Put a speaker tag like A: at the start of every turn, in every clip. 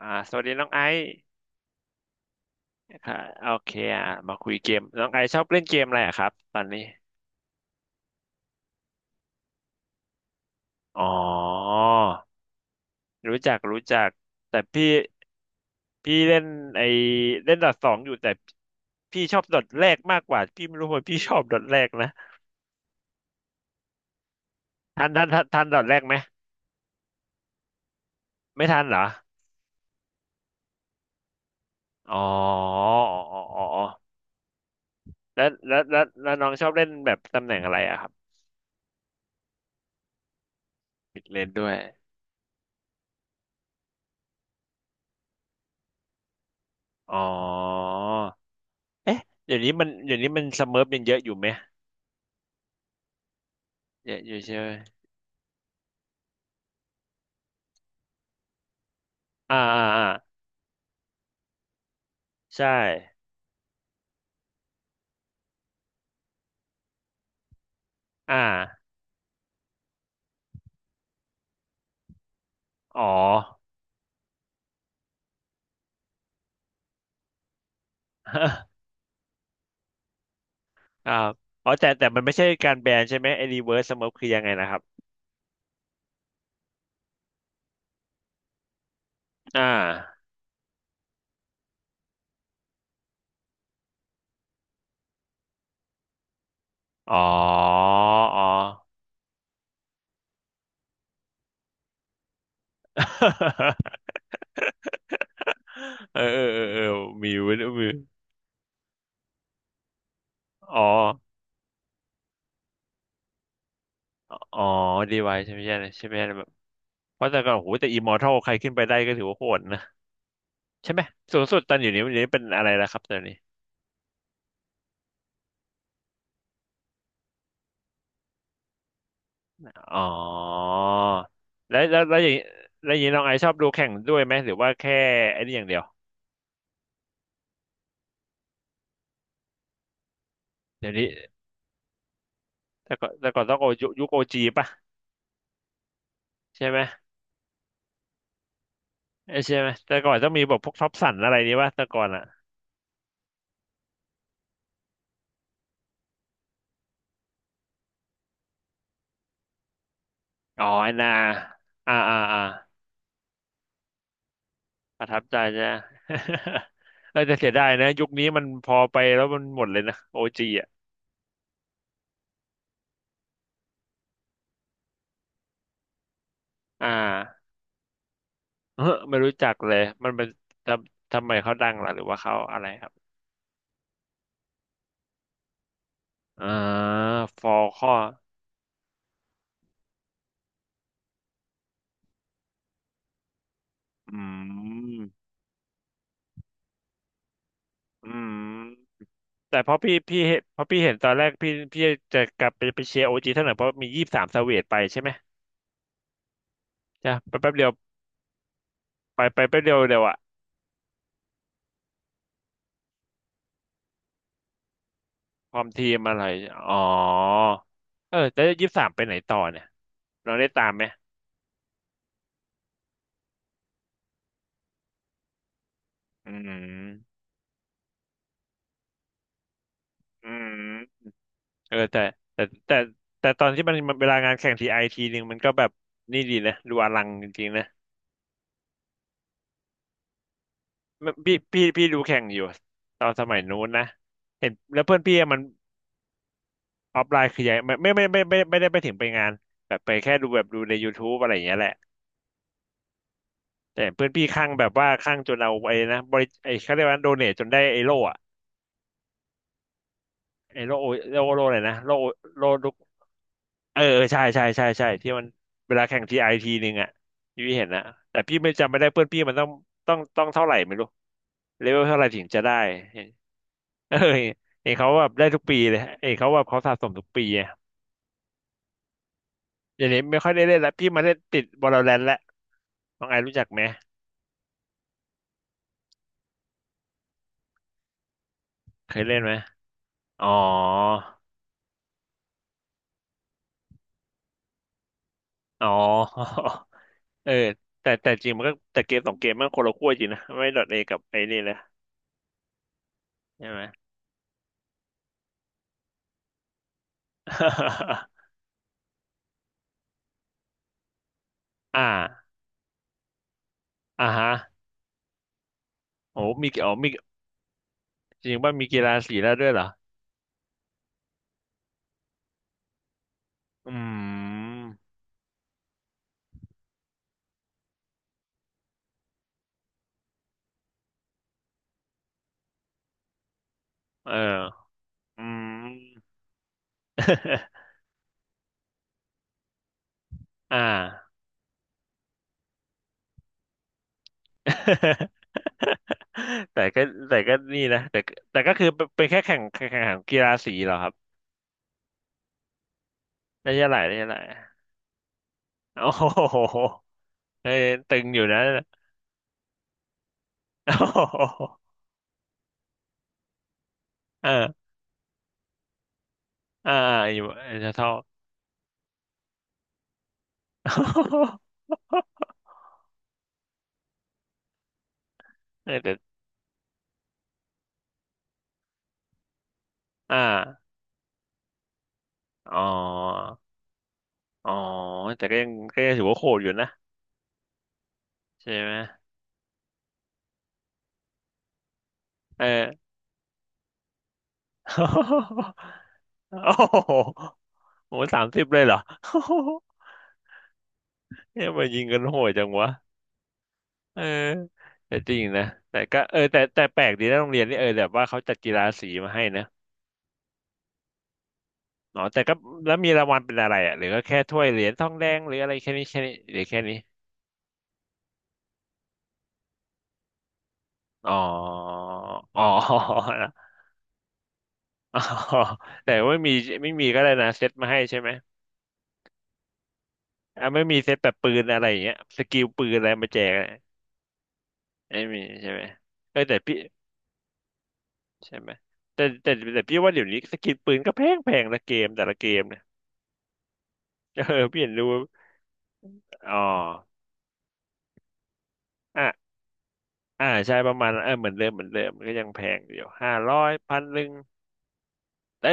A: อ่าสวัสดีน้องไอซ์ค่ะโอเคอ่ะมาคุยเกมน้องไอซ์ชอบเล่นเกมอะไรอะครับตอนนี้อ๋อรู้จักรู้จักแต่พี่เล่นไอเล่นดอทสองอยู่แต่พี่ชอบดอทแรกมากกว่าพี่ไม่รู้ว่าพี่ชอบดอทแรกนะทันดอทแรกไหมไม่ทันเหรออ๋ออ๋ออ๋อแล้วน้องชอบเล่นแบบตำแหน่งอะไรอะครับมิดเลนด้วยอ๋อเอ๊ะเดี๋ยวนี้มันสเมิร์ฟยังเยอะอยู่ไหม เยอะอยู่ใช่ไหมอ่าอ่าอ่าใช่อ่าอ๋อ อ่าอ๋อแต่แต่มันไม่ใช่การแบนใช่ไหมไอ้รีเวิร์สสโมคคือยังไงนะครับอ่าอ๋ออ๋อ เออมีเว้ยมีอ๋ออ๋อดีไวใช่ไหมใช่ไหมใช่ไหมแบบเพราะแต่ก่อนโอ้โหแต่อิมมอร์ทัลใครขึ้นไปได้ก็ถือว่าโหดนะใช่ไหมสูงสุดตอนอยู่นี้วันนี้เป็นอะไรแล้วครับตอนนี้ อ๋อแล้วอย่างนี้แล้วอย่างนี้น้องไอซ์ชอบดูแข่งด้วยไหมหรือว่าแค่ไอ้นี่อย่างเดียวเดี๋ยวนี้แต่ก่อนแต่ก่อนต้องโอยุคโอจีป่ะใช่ไหมเอ้ยใช่ไหมแต่ก่อนต้องมีแบบพวกท็อปสันอะไรนี่ป่ะแต่ก่อนอ่ะอ๋อไอนาอ่าอ่าอ่าประทับใจจ้ะ เออแต่เสียดายนะยุคนี้มันพอไปแล้วมันหมดเลยนะโอจีอ่ะอ่า เออไม่รู้จักเลยมันเป็นทำไมเขาดังล่ะหรือว่าเขาอะไรครับอ่าฟอลข้ออืม อืมแต่เพราะพี่เห็นเพราะพี่เห็นตอนแรกพี่จะกลับไปไปเชียร์โอจีเท่าไหร่เพราะมียี่สิบสามสเวตไปใช่ไหมจ้ะไปแป๊บเดียวไปไปแป๊บเดียวเดียวอะพร้อมทีมอะไรอ๋อเออแต่ยี่สิบสามไปไหนต่อเนี่ยเราได้ตามไหมอืมอืมเออแต่แต่แต่ตอนที่มันมันเวลางานแข่งทีไอทีหนึ่งมันก็แบบนี่ดีนะดูอลังจริงๆนะมันพี่ดูแข่งอยู่ตอนสมัยนู้นนะเห็นแล้วเพื่อนพี่อะมัน ออฟไลน์คือยังไม่ได้ไปถึงไปงานแบบไปแค่ดูแบบดูในยูท t บอะไรอย่างเงี้ยแหละแต่เพื่อนพี่ข้างแบบว่าข้างจนเอาไอ้นะบริไอ้เขาเรียกว่าโดเนทจนได้ไอ้โล่อะไอ้โล่โอโล่เลยนะโล่โล่ลูกเออใช่ที่มันเวลาแข่งทีไอทีหนึ่งอะที่พี่เห็นนะแต่พี่ไม่จำไม่ได้เพื่อนพี่มันต้องต้องเท่าไหร่ไม่รู้เลเวลเท่าไหร่ถึงจะได้เออเห็นเขาแบบได้ทุกปีเลยเห็นเขาแบบเขาสะสมทุกปีอะเดี๋ยวนี้ไม่ค่อยได้เล่นละพี่มาเล่นติดวอลเลนต์ละน้องไอรู้จักไหม เคยเล่นไหมอ๋ออ๋อ เออแต่แต่จริงมันก็แต่เกม2 เกมมันคนละขั้วจริงนะไม่ดอทเอกับไอ้นี่เลยใช่ไหม อ่าอ่าฮะโอ้มีอ๋อมีจริงว่ามีกีฬาสีแล้วด้วยเหรออืมเอออืม อ่า แต่ก็แต่ก็นี่นะแต่ก็แต่ก็คือเป็นเป็นแค่แข่งแข่งกีฬาสีเหรอครับได้ใช่าไหลาไม้ใช่าไหลโอ้โหเอ้ยตึงอยู่นะ โอ้โหเอ่าอ่าอยู่จะเท่า เออแต่อ่าอ๋ออ๋อแต่ก็ยังก็ยังถือว่าโหดอยู่นะใช่ไหมเออ โอ้โหโห30เลยเหรอ เนี่ยมายิงกันโหดจังวะเออแต่จริงนะแต่ก็เออแต่แปลกดีนะโรงเรียนนี่เออแบบว่าเขาจัดกีฬาสีมาให้นะอ๋อแต่ก็แล้วมีรางวัลเป็นอะไรอ่ะหรือก็แค่ถ้วยเหรียญทองแดงหรืออะไรแค่นี้หรือแค่นี้ อ๋ออ๋อ อ๋อแต่ไม่มีไม่มีก็ได้นะเซตมาให้ใช่ไหมอ่ะไม่มีเซตแบบปืนอะไรอย่างเงี้ยสกิลปืนอะไรมาแจกอะไม่มีใช่ไหมเออแต่พี่ใช่ไหมแต่พี่ว่าเดี๋ยวนี้สกิลปืนก็แพงแพงละเกมแต่ละเกมเนี่ย เออพี่เห็นรู้อ๋ออ่ะอ่าใช่ประมาณเออเหมือนเดิมเหมือนเดิมมันก็ยังแพงอยู่500พันหนึ่งแต่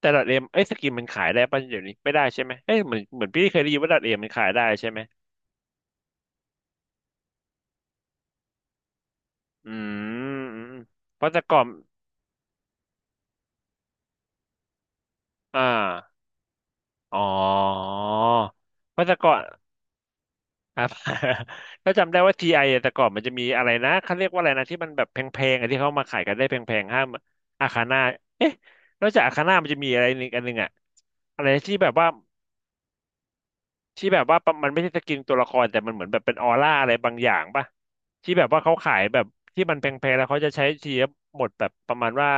A: แต่ดอทเอ็มเอ้ยสกินมันขายได้ป่ะเดี๋ยวนี้ไม่ได้ใช่ไหมเอ้ยเหมือนเหมือนพี่เคยได้ยินว่าดอทเอ็มมันขายได้ใช่ไหม อืมอืมเพราะแต่ก่อนอ่าอ๋อเพราะแต่ก่อนครับ ถ้าจำได้ว่าTIอะแต่ก่อนมันจะมีอะไรนะเขาเรียกว่าอะไรนะที่มันแบบแพงๆอะที่เขามาขายกันได้แพงๆห้ามอาคาน่าเอ๊ะนอกจากอาคาน่ามันจะมีอะไรอีกอันหนึ่งอะอะไรที่แบบว่ามันไม่ใช่สกินตัวละครแต่มันเหมือนแบบเป็นออร่าอะไรบางอย่างป่ะที่แบบว่าเขาขายแบบที่มันแพงๆแล้วเขาจะใช้ทีละหมดแบบประมาณว่า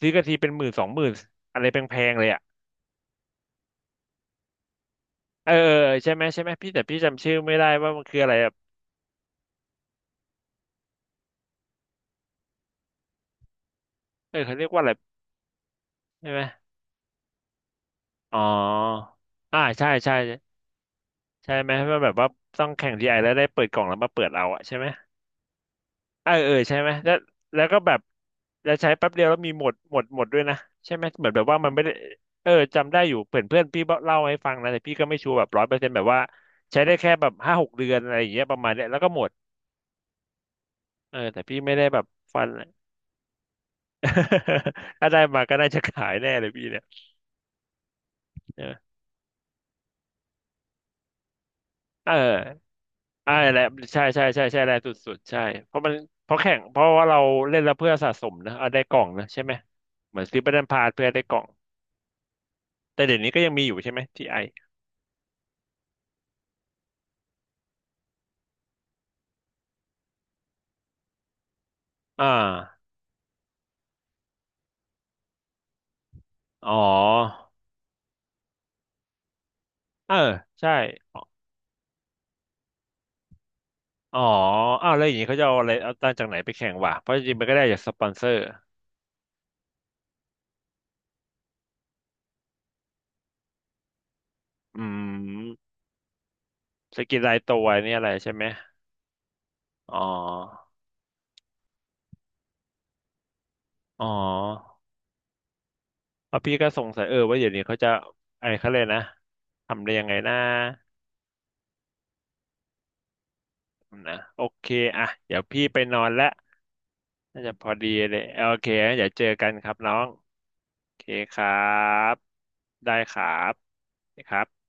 A: ซื้อกันทีเป็น10,000 20,000อะไรแพงๆเลยอะ เออใช่ไหมใช่ไหมพี่แต่พี่จำชื่อไม่ได้ว่ามันคืออะไรแบเออเขาเรียกว่าอะไรใช่ไหมอ๋ออ่าใช่ใช่ใช่ไหมว่าแบบว่าต้องแข่งทีไอแล้วได้เปิดกล่องแล้วมาเปิดเอาอะใช่ไหมเออเออใช่ไหมแล้วแล้วก็แบบแล้วใช้แป๊บเดียวแล้วมีหมดหมดหมดด้วยนะใช่ไหมเหมือนแบบว่ามันไม่ได้เออจำได้อยู่เพื่อนเพื่อนพี่เล่าให้ฟังนะแต่พี่ก็ไม่ชัวร์แบบ100%แบบว่าใช้ได้แค่แบบ5-6 เดือนอะไรอย่างเงี้ยประมาณเนี้ยแล้วก็หมดเออแต่พี่ไม่ได้แบบฟัน ถ้าได้มาก็น่าจะขายแน่เลยพี่เนี่ย เออใช่แหละใช่ใช่ใช่ใช่แหละสุดๆใช่เพราะมันเพราะแข่งเพราะว่าเราเล่นแล้วเพื่อสะสมนะเอาได้กล่องนะใช่ไหมเหมือนซื้อบัตรพาสเพื่อได้กล่องแต่เดี๋ยวนี้ก็ยังมีอยู่ใช่ไหมทีไออ่าอ๋อเออใช่อ๋ออ้าวแล้วอย่างนี้เขาจะเอาอะไรเอาตังค์จากไหนไปแข่งวะเพราะจริงๆมันก็ได้จากสปอนเซอร์อืมสกินรายตัวนี่อะไรใช่ไหมอ๋ออ๋อเอพี่ก็สงสัยเออว่าเดี๋ยวนี้เขาจะไอ้เขาเลยกนะทำได้ยังไงนะ นะโอเคอ่ะเดี๋ยวพี่ไปนอนและน่าจะพอดีเลยโอเคงั้นเดี๋ยวเจอกันครับน้องโอเคครับได้ครับนะครับ